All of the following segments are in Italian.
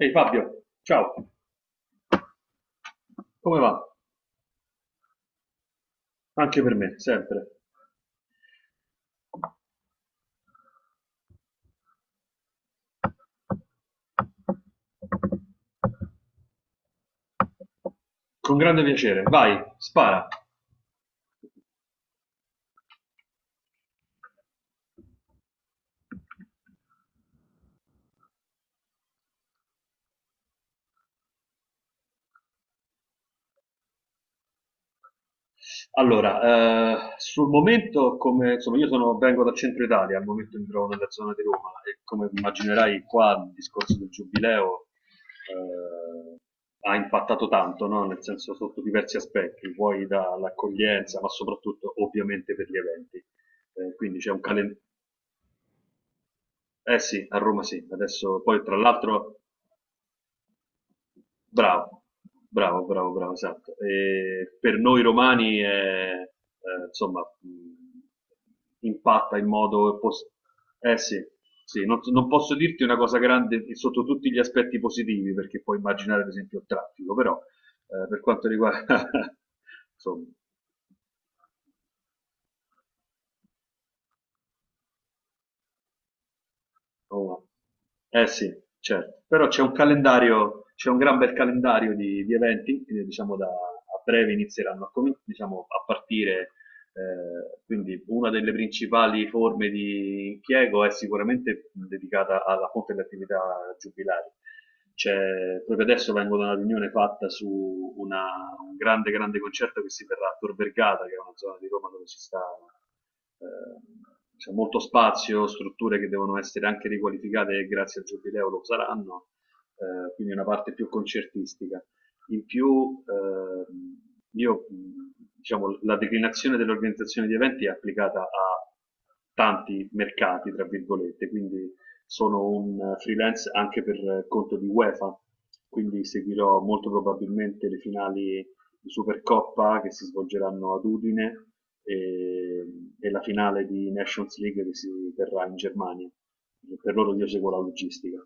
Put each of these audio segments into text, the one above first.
Ehi Fabio, ciao, come va? Anche per me, sempre. Con grande piacere, vai, spara. Allora, sul momento, come insomma, vengo dal centro Italia, al momento mi trovo nella zona di Roma e come immaginerai qua il discorso del giubileo eh, ha impattato tanto, no? Nel senso sotto diversi aspetti, vuoi dall'accoglienza, ma soprattutto ovviamente per gli eventi. Quindi c'è un calendario. Eh sì, a Roma sì, adesso poi tra l'altro. Bravo, bravo, bravo, bravo, esatto. E per noi romani è, insomma, impatta in modo... eh sì, sì, non posso dirti una cosa grande sotto tutti gli aspetti positivi, perché puoi immaginare ad esempio il traffico, però per quanto riguarda... insomma, Roma. Eh sì, certo. Però c'è un calendario, c'è un gran bel calendario di eventi, diciamo da a breve inizieranno diciamo, a partire. Quindi una delle principali forme di impiego è sicuramente dedicata alla fonte delle attività giubilari. Proprio adesso vengo da una riunione fatta su un grande, grande concerto che si terrà a Tor Vergata, che è una zona di Roma dove ci sta, eh, c'è molto spazio, strutture che devono essere anche riqualificate e grazie al Giubileo lo saranno, quindi una parte più concertistica. In più, io, mh, diciamo, la declinazione dell'organizzazione di eventi è applicata a tanti mercati, tra virgolette, quindi sono un freelance anche per conto di UEFA, quindi seguirò molto probabilmente le finali di Supercoppa che si svolgeranno ad Udine e, e la finale di Nations League che si terrà in Germania. Per loro io seguo la logistica. No,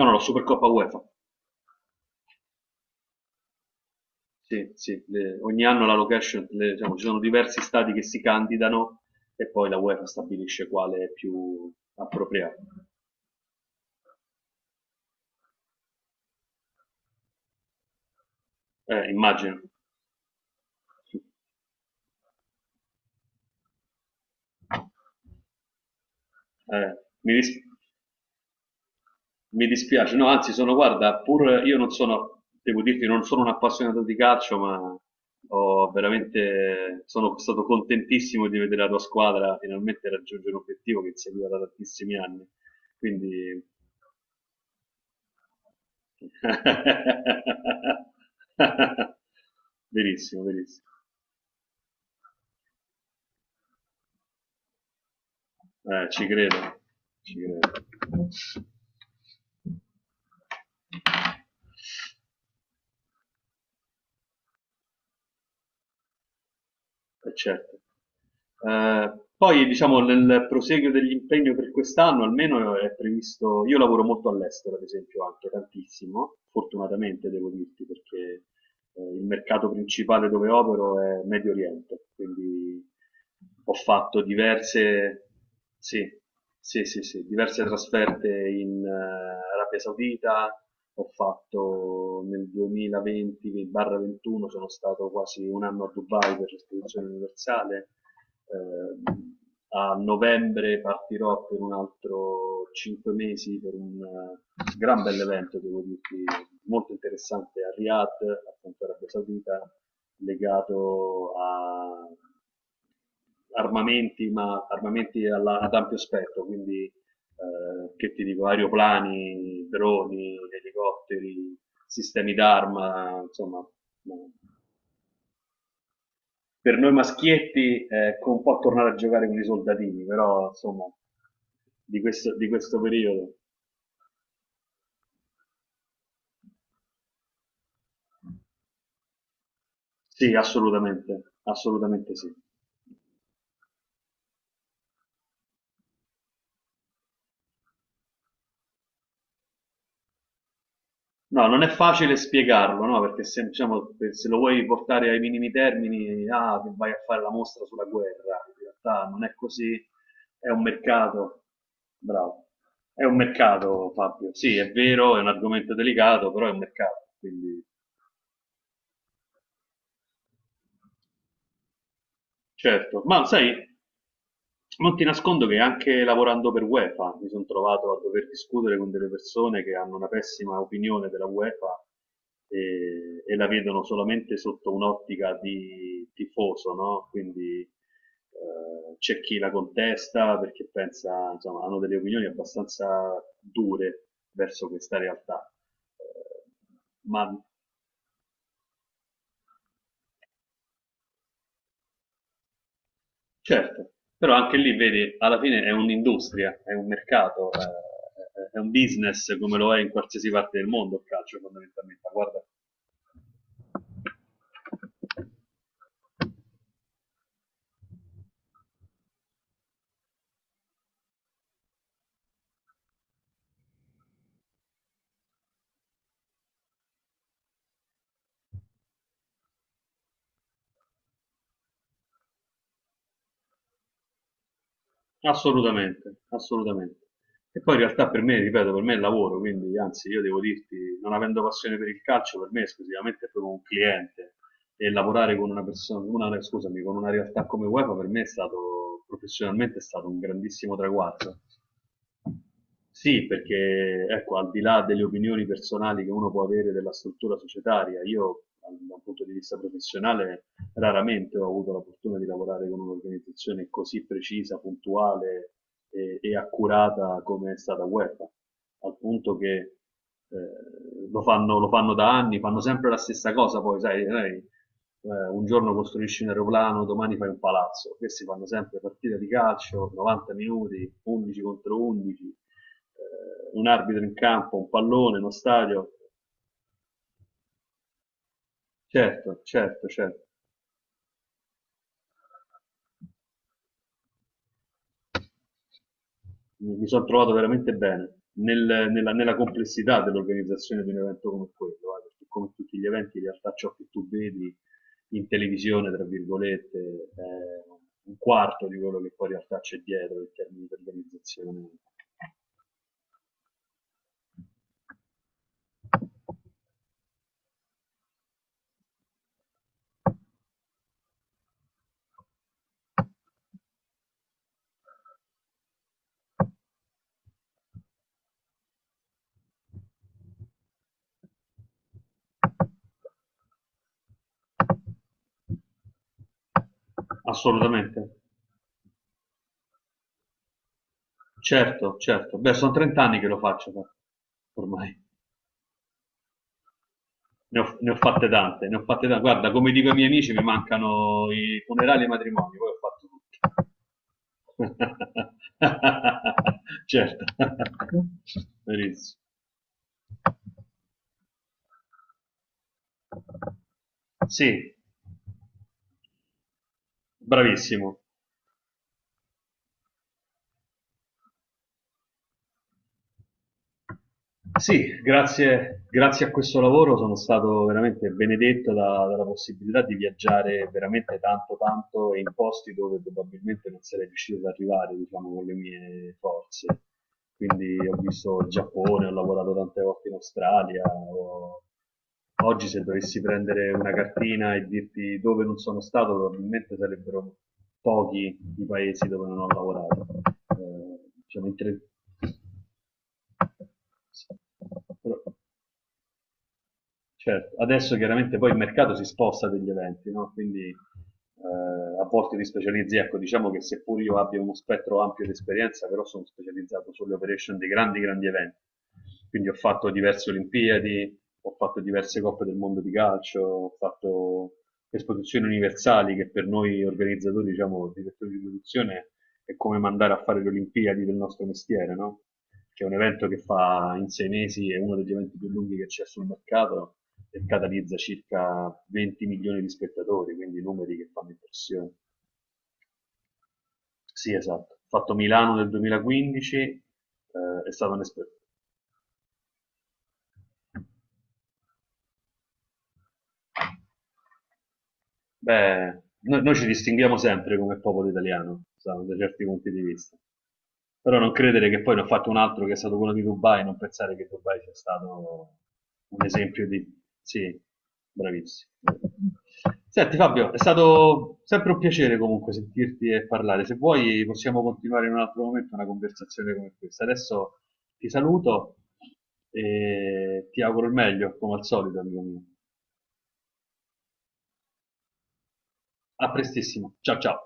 no, la Supercoppa UEFA. Sì, sì, ogni anno la location, diciamo, ci sono diversi stati che si candidano e poi la UEFA stabilisce quale è più appropriato. Immagino. Eh, mi, dis- Mi dispiace, no, anzi sono, guarda, pur io non sono, devo dirti, non sono un appassionato di calcio, ma ho veramente, sono stato contentissimo di vedere la tua squadra finalmente raggiungere un obiettivo che seguiva da tantissimi anni. Quindi. Verissimo, verissimo. Ci credo, ci credo. Certo. Poi, diciamo, nel proseguio dell'impegno per quest'anno, almeno è previsto. Io lavoro molto all'estero, ad esempio, anche tantissimo, fortunatamente devo dirti, perché il mercato principale dove opero è Medio Oriente, quindi ho fatto diverse, sì, sì, sì, sì, diverse trasferte in Arabia Saudita, ho fatto nel 2020-21 sono stato quasi un anno a Dubai per l'esposizione universale. Ehm, A novembre partirò per un altro 5 mesi per un gran bell'evento, devo dirti, molto interessante a Riyadh, appunto Arabia Saudita, legato a armamenti, ma armamenti ad ampio spettro, quindi che ti dico, aeroplani, droni, elicotteri, sistemi d'arma, insomma, per noi maschietti con un po' tornare a giocare con i soldatini, però insomma, di questo periodo. Sì, assolutamente, assolutamente sì. No, non è facile spiegarlo, no? Perché se, diciamo, se lo vuoi portare ai minimi termini, ah, che vai a fare la mostra sulla guerra, in realtà non è così, è un mercato, bravo, è un mercato Fabio, sì, è vero, è un argomento delicato, però è un mercato, quindi certo, ma sai, non ti nascondo che anche lavorando per UEFA mi sono trovato a dover discutere con delle persone che hanno una pessima opinione della UEFA e la vedono solamente sotto un'ottica di tifoso, no? Quindi c'è chi la contesta perché pensa, insomma, hanno delle opinioni abbastanza dure verso questa realtà. Eh, ma Certo, però anche lì vedi, alla fine è un'industria, è un mercato, è un business come lo è in qualsiasi parte del mondo il calcio fondamentalmente, ma guarda, assolutamente, assolutamente. E poi in realtà per me, ripeto, per me è lavoro, quindi anzi io devo dirti, non avendo passione per il calcio, per me esclusivamente è proprio un cliente e lavorare con una persona, scusami, con una realtà come UEFA per me è stato, professionalmente è stato un grandissimo traguardo. Sì, perché ecco, al di là delle opinioni personali che uno può avere della struttura societaria, io da un punto di vista professionale raramente ho avuto la fortuna di lavorare con un'organizzazione così precisa, puntuale e accurata come è stata UEFA, al punto che lo fanno da anni, fanno sempre la stessa cosa, poi sai, noi, un giorno costruisci un aeroplano, domani fai un palazzo, questi fanno sempre partite di calcio, 90 minuti, 11 contro 11, un arbitro in campo, un pallone, uno stadio. Certo, certo, certo. Mi sono trovato veramente bene nella complessità dell'organizzazione di un evento come quello, perché come tutti gli eventi, in realtà ciò che tu vedi in televisione, tra virgolette, è un quarto di quello che poi in realtà c'è dietro in termini di organizzazione. Assolutamente. Certo, certo. Beh, sono 30 anni che lo faccio, ma ormai. Ne ho fatte tante, ne ho fatte tante. Guarda, come dico ai miei amici, mi mancano i funerali e i matrimoni, poi ho fatto tutto. Certo, benissimo. Sì, bravissimo. Sì, grazie, grazie a questo lavoro sono stato veramente benedetto dalla possibilità di viaggiare veramente tanto, tanto e in posti dove probabilmente non sarei riuscito ad arrivare, diciamo, con le mie forze. Quindi ho visto il Giappone, ho lavorato tante volte in Australia. Oggi se dovessi prendere una cartina e dirti dove non sono stato, probabilmente sarebbero pochi i paesi dove non ho lavorato. Diciamo, in sì. Però- Certo, adesso chiaramente poi il mercato si sposta degli eventi, no? Quindi a volte ti specializzi, ecco, diciamo che seppur io abbia uno spettro ampio di esperienza, però sono specializzato sulle operation dei grandi, grandi eventi. Quindi ho fatto diverse Olimpiadi, ho fatto diverse coppe del mondo di calcio, ho fatto esposizioni universali che per noi organizzatori, diciamo, direttori di produzione è come mandare a fare le Olimpiadi del nostro mestiere, no? Che è un evento che fa in 6 mesi, è uno degli eventi più lunghi che c'è sul mercato e catalizza circa 20 milioni di spettatori, quindi numeri che fanno impressione. Sì, esatto. Ho fatto Milano nel 2015, è stata un'esperienza. Beh, noi, ci distinguiamo sempre come popolo italiano, sa, da certi punti di vista. Però non credere che poi ne ho fatto un altro che è stato quello di Dubai, non pensare che Dubai sia stato un esempio di... Sì, bravissimo. Senti Fabio, è stato sempre un piacere comunque sentirti e parlare. Se vuoi possiamo continuare in un altro momento una conversazione come questa. Adesso ti saluto e ti auguro il meglio, come al solito, amico mio. A prestissimo. Ciao ciao.